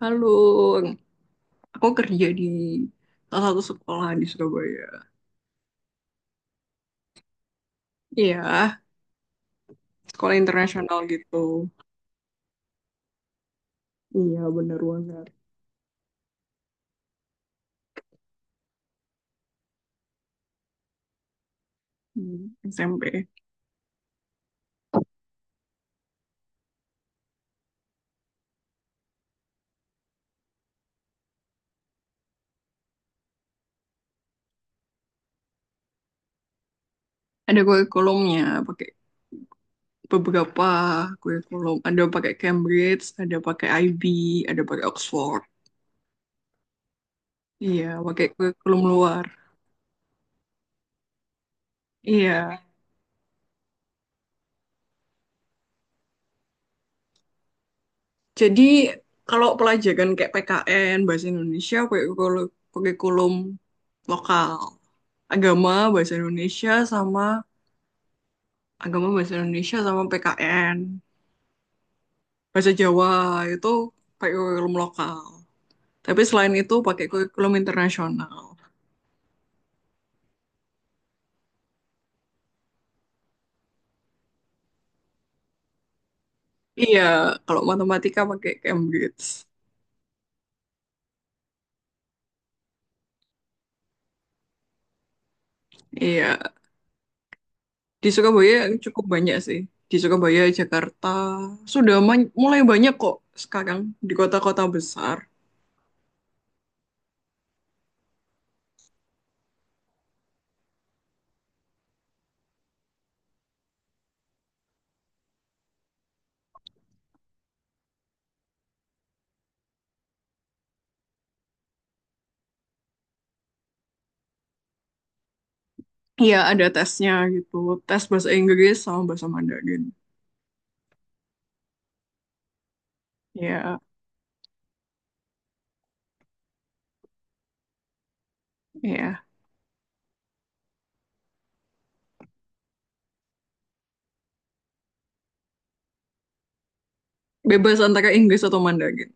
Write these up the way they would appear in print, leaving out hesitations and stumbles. Halo, aku kerja di salah satu sekolah di Surabaya. Iya, sekolah internasional gitu. Iya, bener banget. Hmm, SMP. Ada kurikulumnya, pakai beberapa kurikulum. Ada pakai Cambridge, ada pakai IB, ada pakai Oxford. Iya, pakai kurikulum luar. Iya. Jadi kalau pelajaran kayak PKN, bahasa Indonesia, pakai kurikulum kurikulum lokal. Agama, bahasa Indonesia, sama agama bahasa Indonesia sama PKN bahasa Jawa itu pakai kurikulum lokal, tapi selain itu pakai kurikulum internasional. Iya, kalau matematika pakai Cambridge. Iya, di Surabaya cukup banyak sih. Di Surabaya, Jakarta sudah mulai banyak kok sekarang di kota-kota besar. Iya, ada tesnya gitu, tes bahasa Inggris sama bahasa Mandarin. Iya, iya. Bebas antara Inggris atau Mandarin.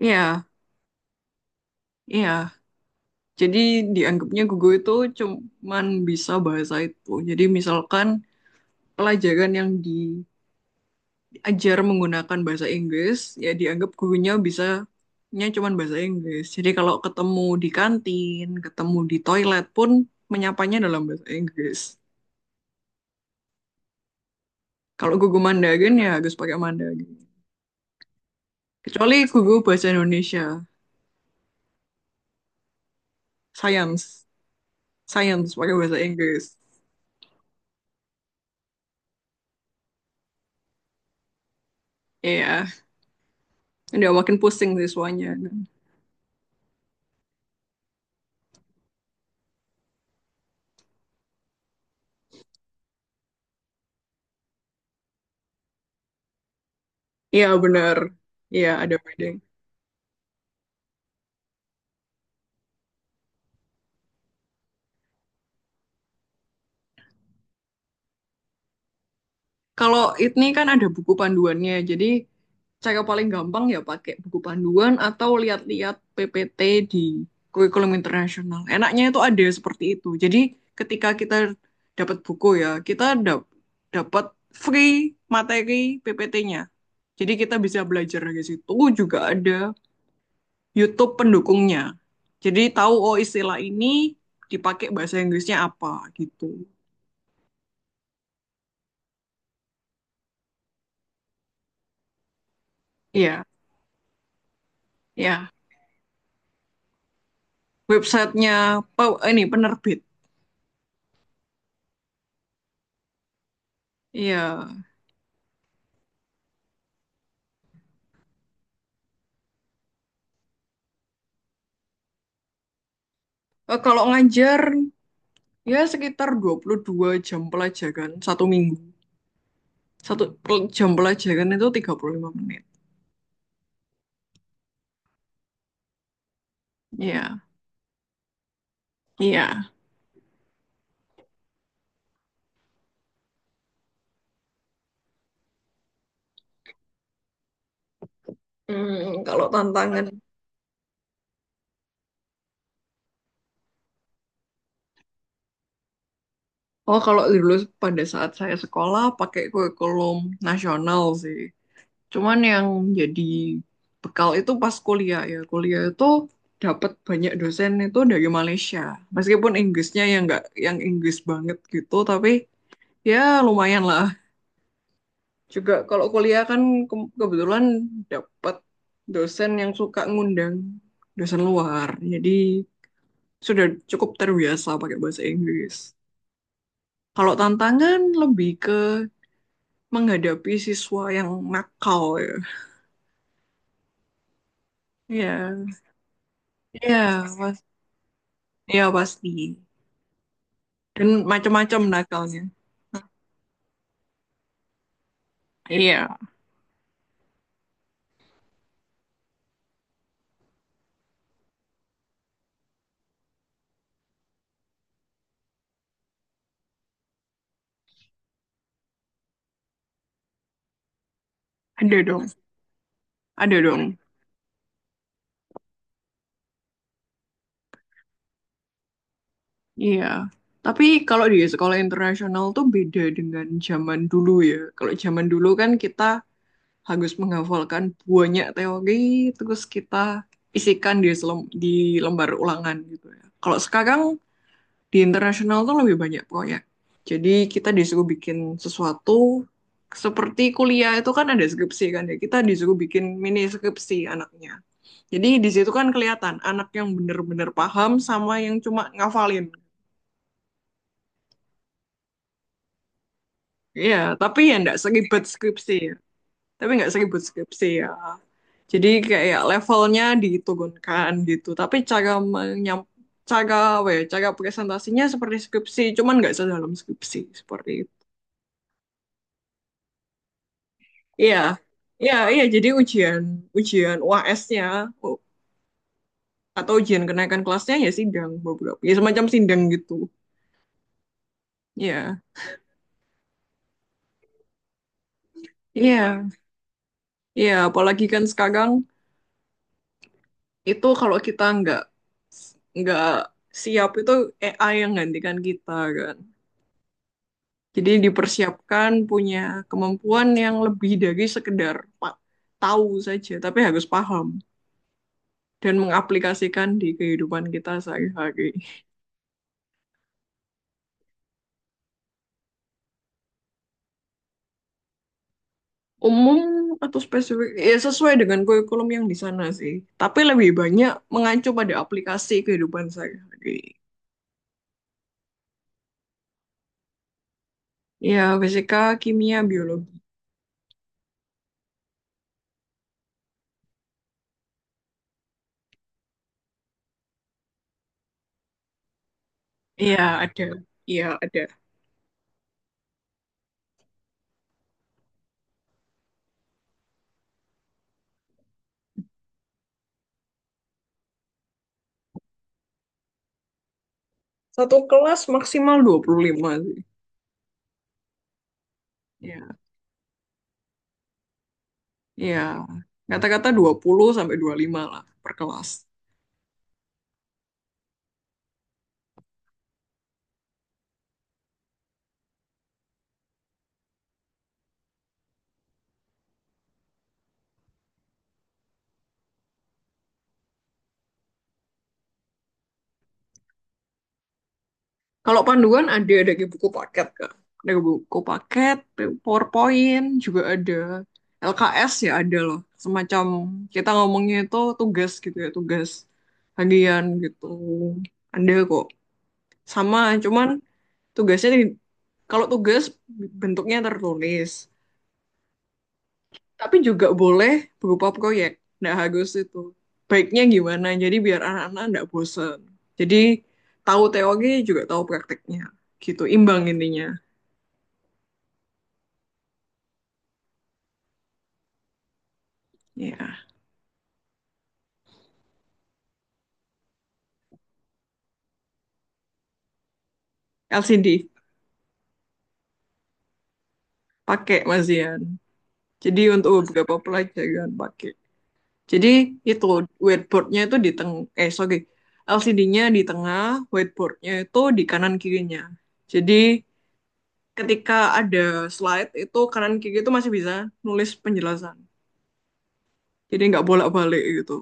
Iya, iya. Jadi dianggapnya Gugu itu cuman bisa bahasa itu. Jadi misalkan pelajaran yang diajar menggunakan bahasa Inggris, ya dianggap gurunya bisanya cuman bahasa Inggris. Jadi kalau ketemu di kantin, ketemu di toilet pun menyapanya dalam bahasa Inggris. Kalau Gugu Mandarin ya harus pakai Mandarin. Kecuali Gugu bahasa Indonesia, science, science pakai bahasa Inggris. Iya, udah makin pusing siswanya. Iya, benar. Iya, ada beda. Kalau ini kan ada buku panduannya, jadi cara paling gampang ya pakai buku panduan atau lihat-lihat PPT di kurikulum internasional. Enaknya itu ada seperti itu. Jadi ketika kita dapat buku ya, kita dapat free materi PPT-nya. Jadi kita bisa belajar dari situ, juga ada YouTube pendukungnya. Jadi tahu, oh, istilah ini dipakai bahasa Inggrisnya apa gitu. Iya, ya. Websitenya ini penerbit. Iya. Eh, kalau ngajar ya sekitar 22 jam pelajaran satu minggu. Satu jam pelajaran itu 35 menit. Iya. Iya. Kalau tantangan. Oh, kalau dulu pada saat saya sekolah pakai kurikulum nasional sih. Cuman yang jadi bekal itu pas kuliah ya. Kuliah itu dapat banyak dosen itu dari Malaysia. Meskipun Inggrisnya yang nggak yang Inggris banget gitu, tapi ya lumayan lah juga kalau kuliah kan kebetulan dapat dosen yang suka ngundang dosen luar. Jadi sudah cukup terbiasa pakai bahasa Inggris. Kalau tantangan lebih ke menghadapi siswa yang nakal ya. Iya, iya, pas, iya, pasti. Dan macam-macam nakalnya. Iya, ada dong, ada dong. Iya. Tapi kalau di sekolah internasional tuh beda dengan zaman dulu ya. Kalau zaman dulu kan kita harus menghafalkan banyak teori terus kita isikan di di lembar ulangan gitu ya. Kalau sekarang di internasional tuh lebih banyak proyek. Jadi kita disuruh bikin sesuatu seperti kuliah itu kan ada skripsi kan ya. Kita disuruh bikin mini skripsi anaknya. Jadi di situ kan kelihatan anak yang benar-benar paham sama yang cuma ngafalin. Iya, tapi ya enggak seribet skripsi, tapi nggak seribut skripsi ya. Jadi kayak levelnya diturunkan gitu. Tapi cara apa ya, cara presentasinya seperti skripsi, cuman nggak sedalam skripsi seperti itu. Iya, iya, iya. Jadi ujian UAS-nya u- atau ujian kenaikan kelasnya ya sidang beberapa, ya semacam sidang gitu. Iya, iya, iya. Apalagi kan sekarang itu kalau kita nggak siap itu AI yang gantikan kita kan. Jadi dipersiapkan punya kemampuan yang lebih dari sekedar tahu saja, tapi harus paham dan mengaplikasikan di kehidupan kita sehari-hari. Umum atau spesifik, ya sesuai dengan kurikulum yang di sana sih. Tapi lebih banyak mengacu pada aplikasi kehidupan sehari-hari. Ya, fisika, kimia, biologi. Ya, ada. Ya, ada. Satu kelas maksimal 25 sih. Ya, ya. Kata-kata 20 sampai 25 lah per kelas. Kalau panduan ada dari buku paket Kak. Dari buku paket, PowerPoint juga ada. LKS ya ada loh. Semacam kita ngomongnya itu tugas gitu ya, tugas harian gitu. Ada kok. Sama, cuman tugasnya di- kalau tugas bentuknya tertulis. Tapi juga boleh berupa proyek. Nggak harus itu. Baiknya gimana? Jadi biar anak-anak nggak bosen. Jadi tahu teori juga tahu prakteknya. Gitu, imbang intinya. Ya. LCD pakai Mazian. Jadi untuk beberapa pelajaran pakai. Jadi itu whiteboardnya itu di teng eh, sorry, LCD-nya di tengah, whiteboardnya itu di kanan kirinya. Jadi ketika ada slide itu kanan kiri itu masih bisa nulis penjelasan. Jadi nggak bolak-balik gitu.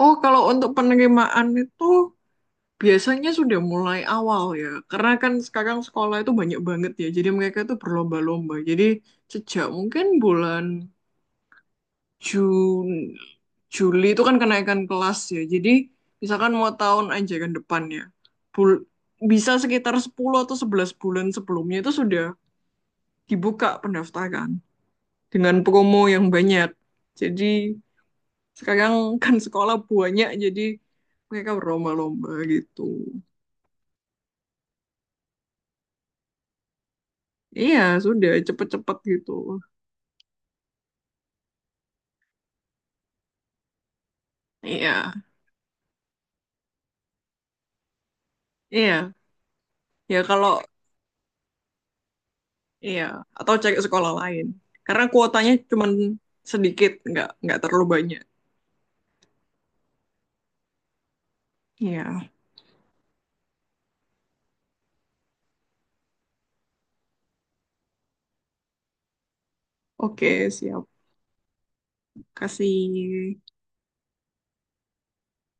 Oh, kalau untuk penerimaan itu biasanya sudah mulai awal ya. Karena kan sekarang sekolah itu banyak banget ya. Jadi mereka itu berlomba-lomba. Jadi sejak mungkin bulan Jun- Juli itu kan kenaikan kelas ya. Jadi misalkan mau tahun aja kan depannya. Bul- bisa sekitar 10 atau 11 bulan sebelumnya itu sudah dibuka pendaftaran dengan promo yang banyak. Jadi sekarang kan sekolah banyak, jadi mereka berlomba-lomba gitu. Iya, sudah cepet-cepet gitu. Iya, iya. Ya, kalau iya atau cari sekolah lain. Karena kuotanya cuman sedikit, nggak terlalu banyak. Iya, oke, siap. Kasih.